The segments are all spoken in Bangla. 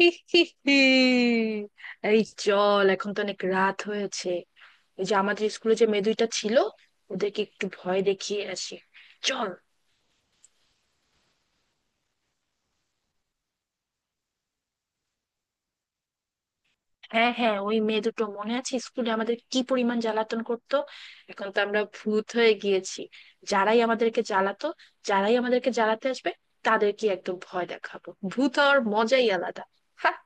এই চল, এখন তো অনেক রাত হয়েছে। এই যে আমাদের স্কুলে যে মেয়ে দুইটা ছিল, ওদেরকে একটু ভয় দেখিয়ে আসি, চল। হ্যাঁ হ্যাঁ, ওই মেয়ে দুটো মনে আছে? স্কুলে আমাদের কি পরিমাণ জ্বালাতন করতো। এখন তো আমরা ভূত হয়ে গিয়েছি। যারাই আমাদেরকে জ্বালাতো, যারাই আমাদেরকে জ্বালাতে আসবে, তাদেরকে একদম ভয় দেখাবো। ভূত হওয়ার মজাই আলাদা। হ্যাঁ,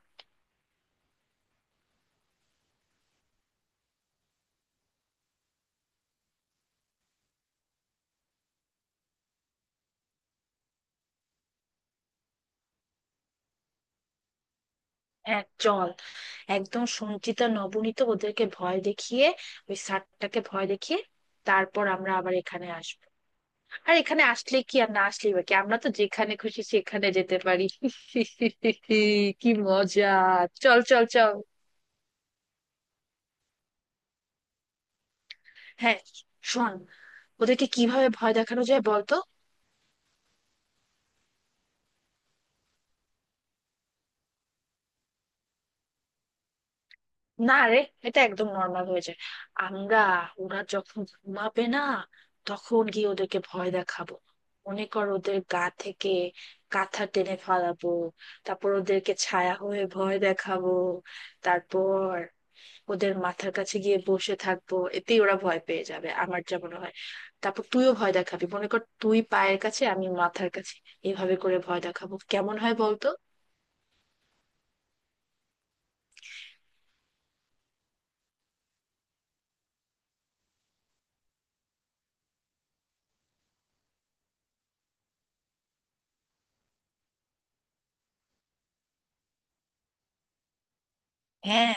হ্যাঁ চল। একদম সঞ্চিতা নবনীত ওদেরকে ভয় দেখিয়ে, ওই স্যারটাকে ভয় দেখিয়ে, তারপর আমরা আবার এখানে আসবো। আর এখানে আসলে কি আর না আসলেই বা কি, আমরা তো যেখানে খুশি সেখানে যেতে পারি। কি মজা! চল, চল, চল! হ্যাঁ, শোন, ওদেরকে কিভাবে ভয় দেখানো যায় বলতো? না রে, এটা একদম নর্মাল হয়ে যায়। আমরা, ওরা যখন ঘুমাবে না, তখন গিয়ে ওদেরকে ভয় দেখাবো। মনে কর, ওদের গা থেকে কাঁথা টেনে ফালাবো, তারপর ওদেরকে ছায়া হয়ে ভয় দেখাবো। তারপর ওদের মাথার কাছে গিয়ে বসে থাকবো, এতেই ওরা ভয় পেয়ে যাবে আমার যা মনে হয়। তারপর তুইও ভয় দেখাবি, মনে কর তুই পায়ের কাছে আমি মাথার কাছে। এভাবে করে ভয় দেখাবো, কেমন হয় বলতো? হ্যাঁ,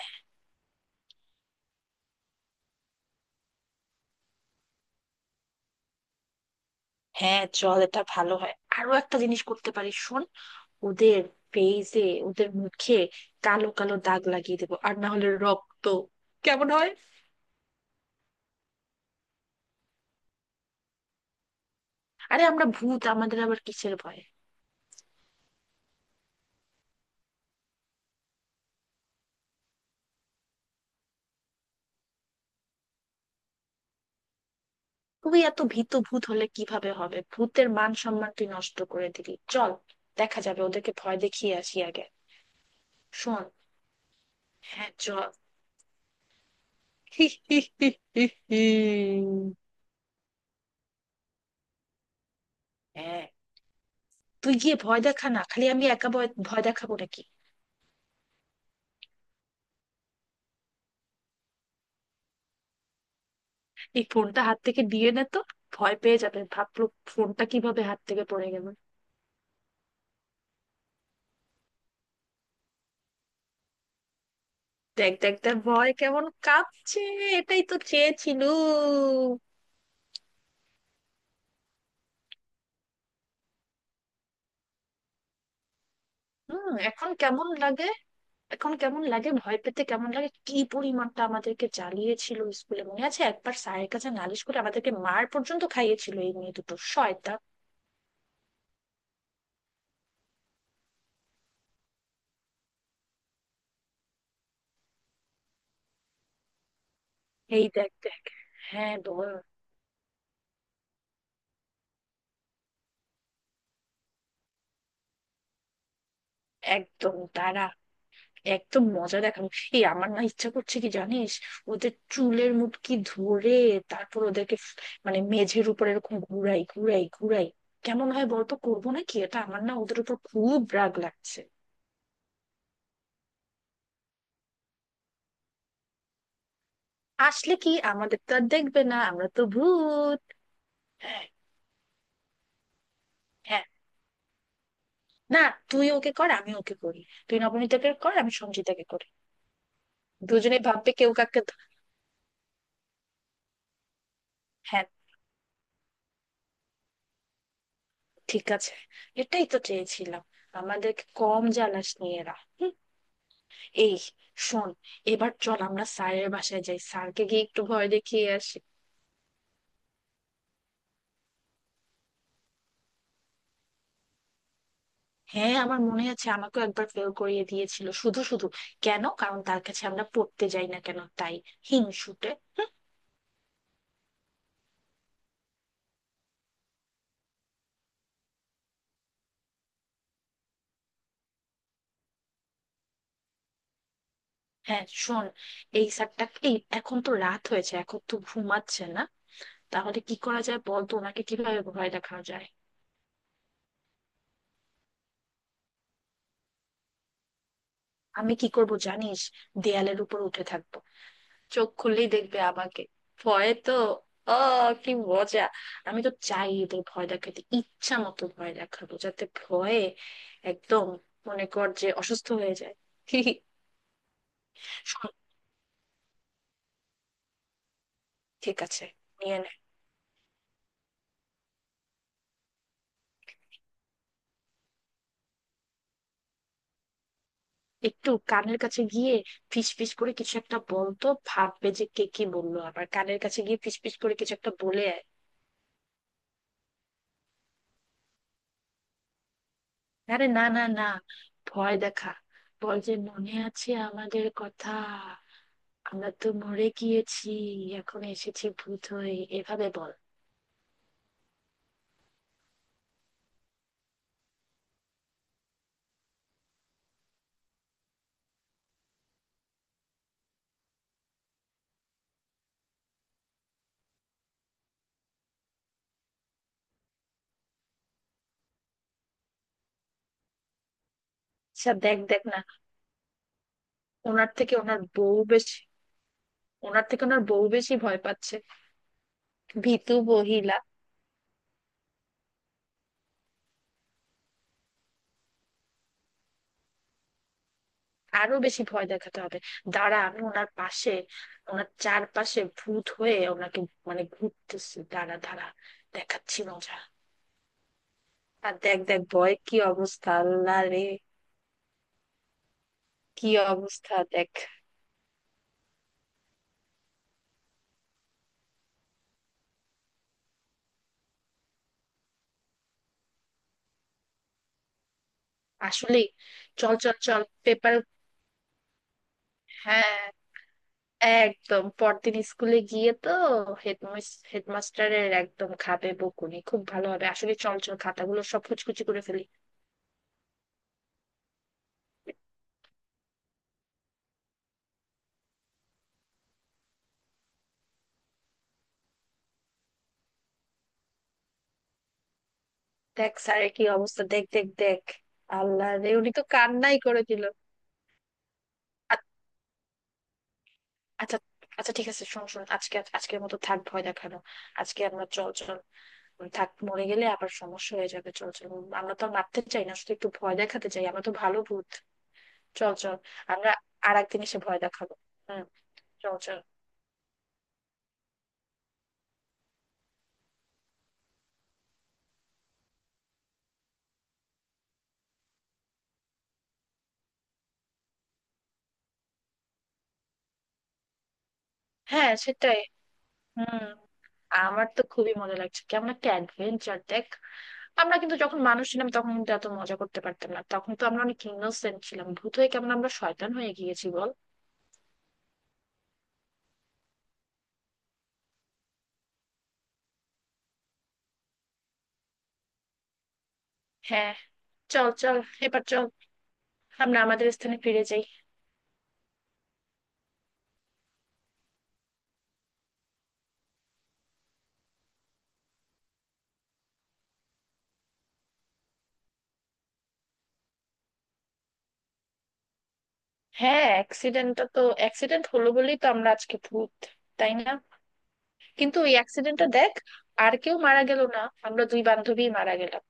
হ্যাঁ চল, এটা ভালো হয়। আরো একটা জিনিস করতে পারি, শোন। ওদের ফেসে, ওদের মুখে কালো কালো দাগ লাগিয়ে দেবো, আর না হলে রক্ত। কেমন হয়? আরে আমরা ভূত, আমাদের আবার কিসের ভয়! তুই এত ভীত, ভূত হলে কিভাবে হবে? ভূতের মান সম্মান তুই নষ্ট করে দিলি। চল, দেখা যাবে, ওদেরকে ভয় দেখিয়ে আসি আগে। শোন, হ্যাঁ চল। হি, হি, হি, হি, হি। হ্যাঁ, তুই গিয়ে ভয় দেখা না, খালি আমি একা ভয় ভয় দেখাবো নাকি? এই ফোনটা হাত থেকে দিয়ে নে তো, ভয় পেয়ে যাবে ভাবলো ফোনটা কিভাবে হাত থেকে পড়ে গেল। দেখ, দেখ, দেখ, ভয় কেমন কাঁপছে। এটাই তো চেয়েছিলু। হুম, এখন কেমন লাগে? এখন কেমন লাগে ভয় পেতে, কেমন লাগে? কি পরিমাণটা আমাদেরকে জ্বালিয়েছিল স্কুলে, মনে আছে একবার স্যারের কাছে নালিশ করে আমাদেরকে মার পর্যন্ত খাইয়েছিল এই মেয়ে দুটো, শয়তান। এই দেখ দেখ। হ্যাঁ বল। একদম দাঁড়া, একদম মজা দেখানো। এই, আমার না ইচ্ছা করছে কি জানিস, ওদের চুলের মুটকি ধরে তারপর ওদেরকে মানে মেঝের উপর এরকম ঘুরাই ঘুরাই ঘুরাই। কেমন হয় বলতো, করবো না কি এটা? আমার না ওদের উপর খুব রাগ লাগছে। আসলে কি, আমাদের তো আর দেখবে না, আমরা তো ভূত। হ্যাঁ। হ্যাঁ। না, তুই ওকে কর আমি ওকে করি। তুই নবনীতাকে কর আমি সঞ্জিতাকে করি। দুজনে ভাববে কেউ কাকে ধ-। হ্যাঁ, ঠিক আছে, এটাই তো চেয়েছিলাম। আমাদেরকে কম জ্বালাস নিয়ে এরা। এই, শোন, এবার চল আমরা স্যারের বাসায় যাই, স্যারকে গিয়ে একটু ভয় দেখিয়ে আসি। হ্যাঁ, আমার মনে আছে, আমাকেও একবার ফেল করিয়ে দিয়েছিল শুধু শুধু। কেন? কারণ তার কাছে আমরা পড়তে যাই না কেন, তাই। হিংসুটে। হ্যাঁ শোন, এই স্যারটা, এই এখন তো রাত হয়েছে, এখন তো ঘুমাচ্ছে না। তাহলে কি করা যায় বল তো, ওনাকে কিভাবে ভয় দেখানো যায়? আমি কি করব জানিস, দেয়ালের উপর উঠে থাকবো, চোখ খুললেই দেখবে আমাকে, ভয়ে তো ও, কি মজা! আমি তো চাই এদের ভয় দেখাতে, ইচ্ছা মতো ভয় দেখাবো যাতে ভয়ে একদম, মনে কর যে অসুস্থ হয়ে যায়। শোন, ঠিক আছে, নিয়ে নে। একটু কানের কাছে গিয়ে ফিস ফিস করে কিছু একটা বলতো, ভাববে যে কে কি বললো। আবার কানের কাছে গিয়ে ফিস ফিস করে কিছু একটা বলে আয়। আরে না না না, ভয় দেখা। বল যে, মনে আছে আমাদের কথা? আমরা তো মরে গিয়েছি, এখন এসেছি ভূত হয়ে। এভাবে বল। আচ্ছা দেখ দেখ না, ওনার থেকে ওনার বউ বেশি, ওনার থেকে ওনার বউ বেশি ভয় পাচ্ছে। ভীতু মহিলা। আরো বেশি ভয় দেখাতে হবে। দাঁড়া, আমি ওনার পাশে, ওনার চারপাশে ভূত হয়ে ওনাকে, মানে ঘুরতেছি, দাঁড়া দাঁড়া, দেখাচ্ছি মজা। আর দেখ দেখ, ভয় কি অবস্থা, আল্লাহ রে! কি অবস্থা দেখ। আসলে চল, চল, চল পেপার। হ্যাঁ, একদম পরদিন স্কুলে গিয়ে তো হেডমাস্টারের একদম খাবে বকুনি, খুব ভালো হবে আসলে। চল চল, খাতাগুলো সব কুচকুচি করে ফেলি। দেখ স্যারের কি অবস্থা, দেখ, দেখ, দেখ। আল্লাহ রে, উনি তো কান্নাই করে দিল। আ- আচ্ছা, আচ্ছা ঠিক আছে, শোন শোন, আজকে আজকের মতো থাক ভয় দেখানো। আজকে আমরা চল চল, থাক, মরে গেলে আবার সমস্যা হয়ে যাবে। চল চল, আমরা তো আর মারতে চাই না, শুধু একটু ভয় দেখাতে চাই, আমরা তো ভালো ভূত। চল চল। আমরা আর একদিন এসে ভয় দেখাবো। হম। চল চল। হ্যাঁ সেটাই। হুম, আমার তো খুবই মজা লাগছে, কেমন একটা অ্যাডভেঞ্চার দেখ। আমরা কিন্তু যখন মানুষ ছিলাম তখন কিন্তু এত মজা করতে পারতাম না, তখন তো আমরা অনেক ইনোসেন্ট ছিলাম। ভূত হয়ে কেমন আমরা শয়তান হয়ে গিয়েছি বল। হ্যাঁ, চল চল, এবার চল আমরা আমাদের স্থানে ফিরে যাই। হ্যাঁ, অ্যাক্সিডেন্টটা তো, অ্যাক্সিডেন্ট হলো বলেই তো আমরা আজকে ভূত, তাই না? কিন্তু ওই অ্যাক্সিডেন্টটা দেখ, আর কেউ মারা গেল না, আমরা দুই বান্ধবী মারা গেলাম।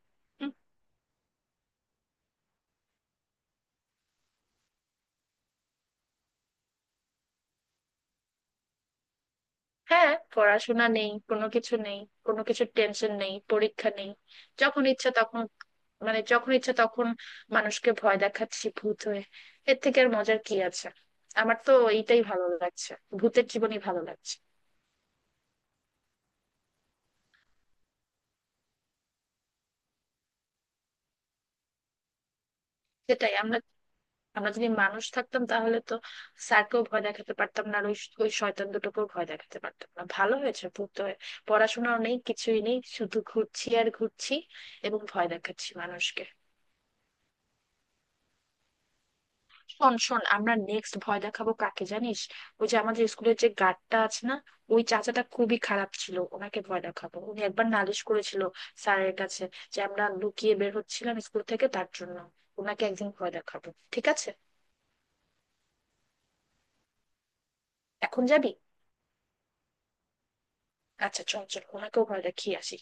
হ্যাঁ, পড়াশোনা নেই, কোনো কিছু নেই, কোনো কিছুর টেনশন নেই, পরীক্ষা নেই। যখন ইচ্ছা তখন, মানে যখন ইচ্ছা তখন মানুষকে ভয় দেখাচ্ছি ভূত হয়ে, এর থেকে আর মজার কি আছে? আমার তো এইটাই ভালো লাগছে, ভূতের জীবনই ভালো লাগছে। সেটাই, আমরা, আমরা যদি মানুষ থাকতাম তাহলে তো স্যারকেও ভয় দেখাতে পারতাম না, আর ওই, ওই শয়তান দুটোকেও ভয় দেখাতে পারতাম না। ভালো হয়েছে ভূত হয়ে, পড়াশোনাও নেই, কিছুই নেই, শুধু ঘুরছি আর ঘুরছি এবং ভয় দেখাচ্ছি মানুষকে। শোন শোন, আমরা নেক্সট ভয় দেখাবো কাকে জানিস? ওই যে আমাদের স্কুলের যে গার্ডটা আছে না, ওই চাচাটা খুবই খারাপ ছিল, ওনাকে ভয় দেখাবো। উনি একবার নালিশ করেছিল স্যারের কাছে যে আমরা লুকিয়ে বের হচ্ছিলাম স্কুল থেকে, তার জন্য ওনাকে একদিন ভয় দেখাবো, ঠিক আছে? এখন যাবি? আচ্ছা চল চল, ওনাকেও ভয় দেখিয়ে আসি।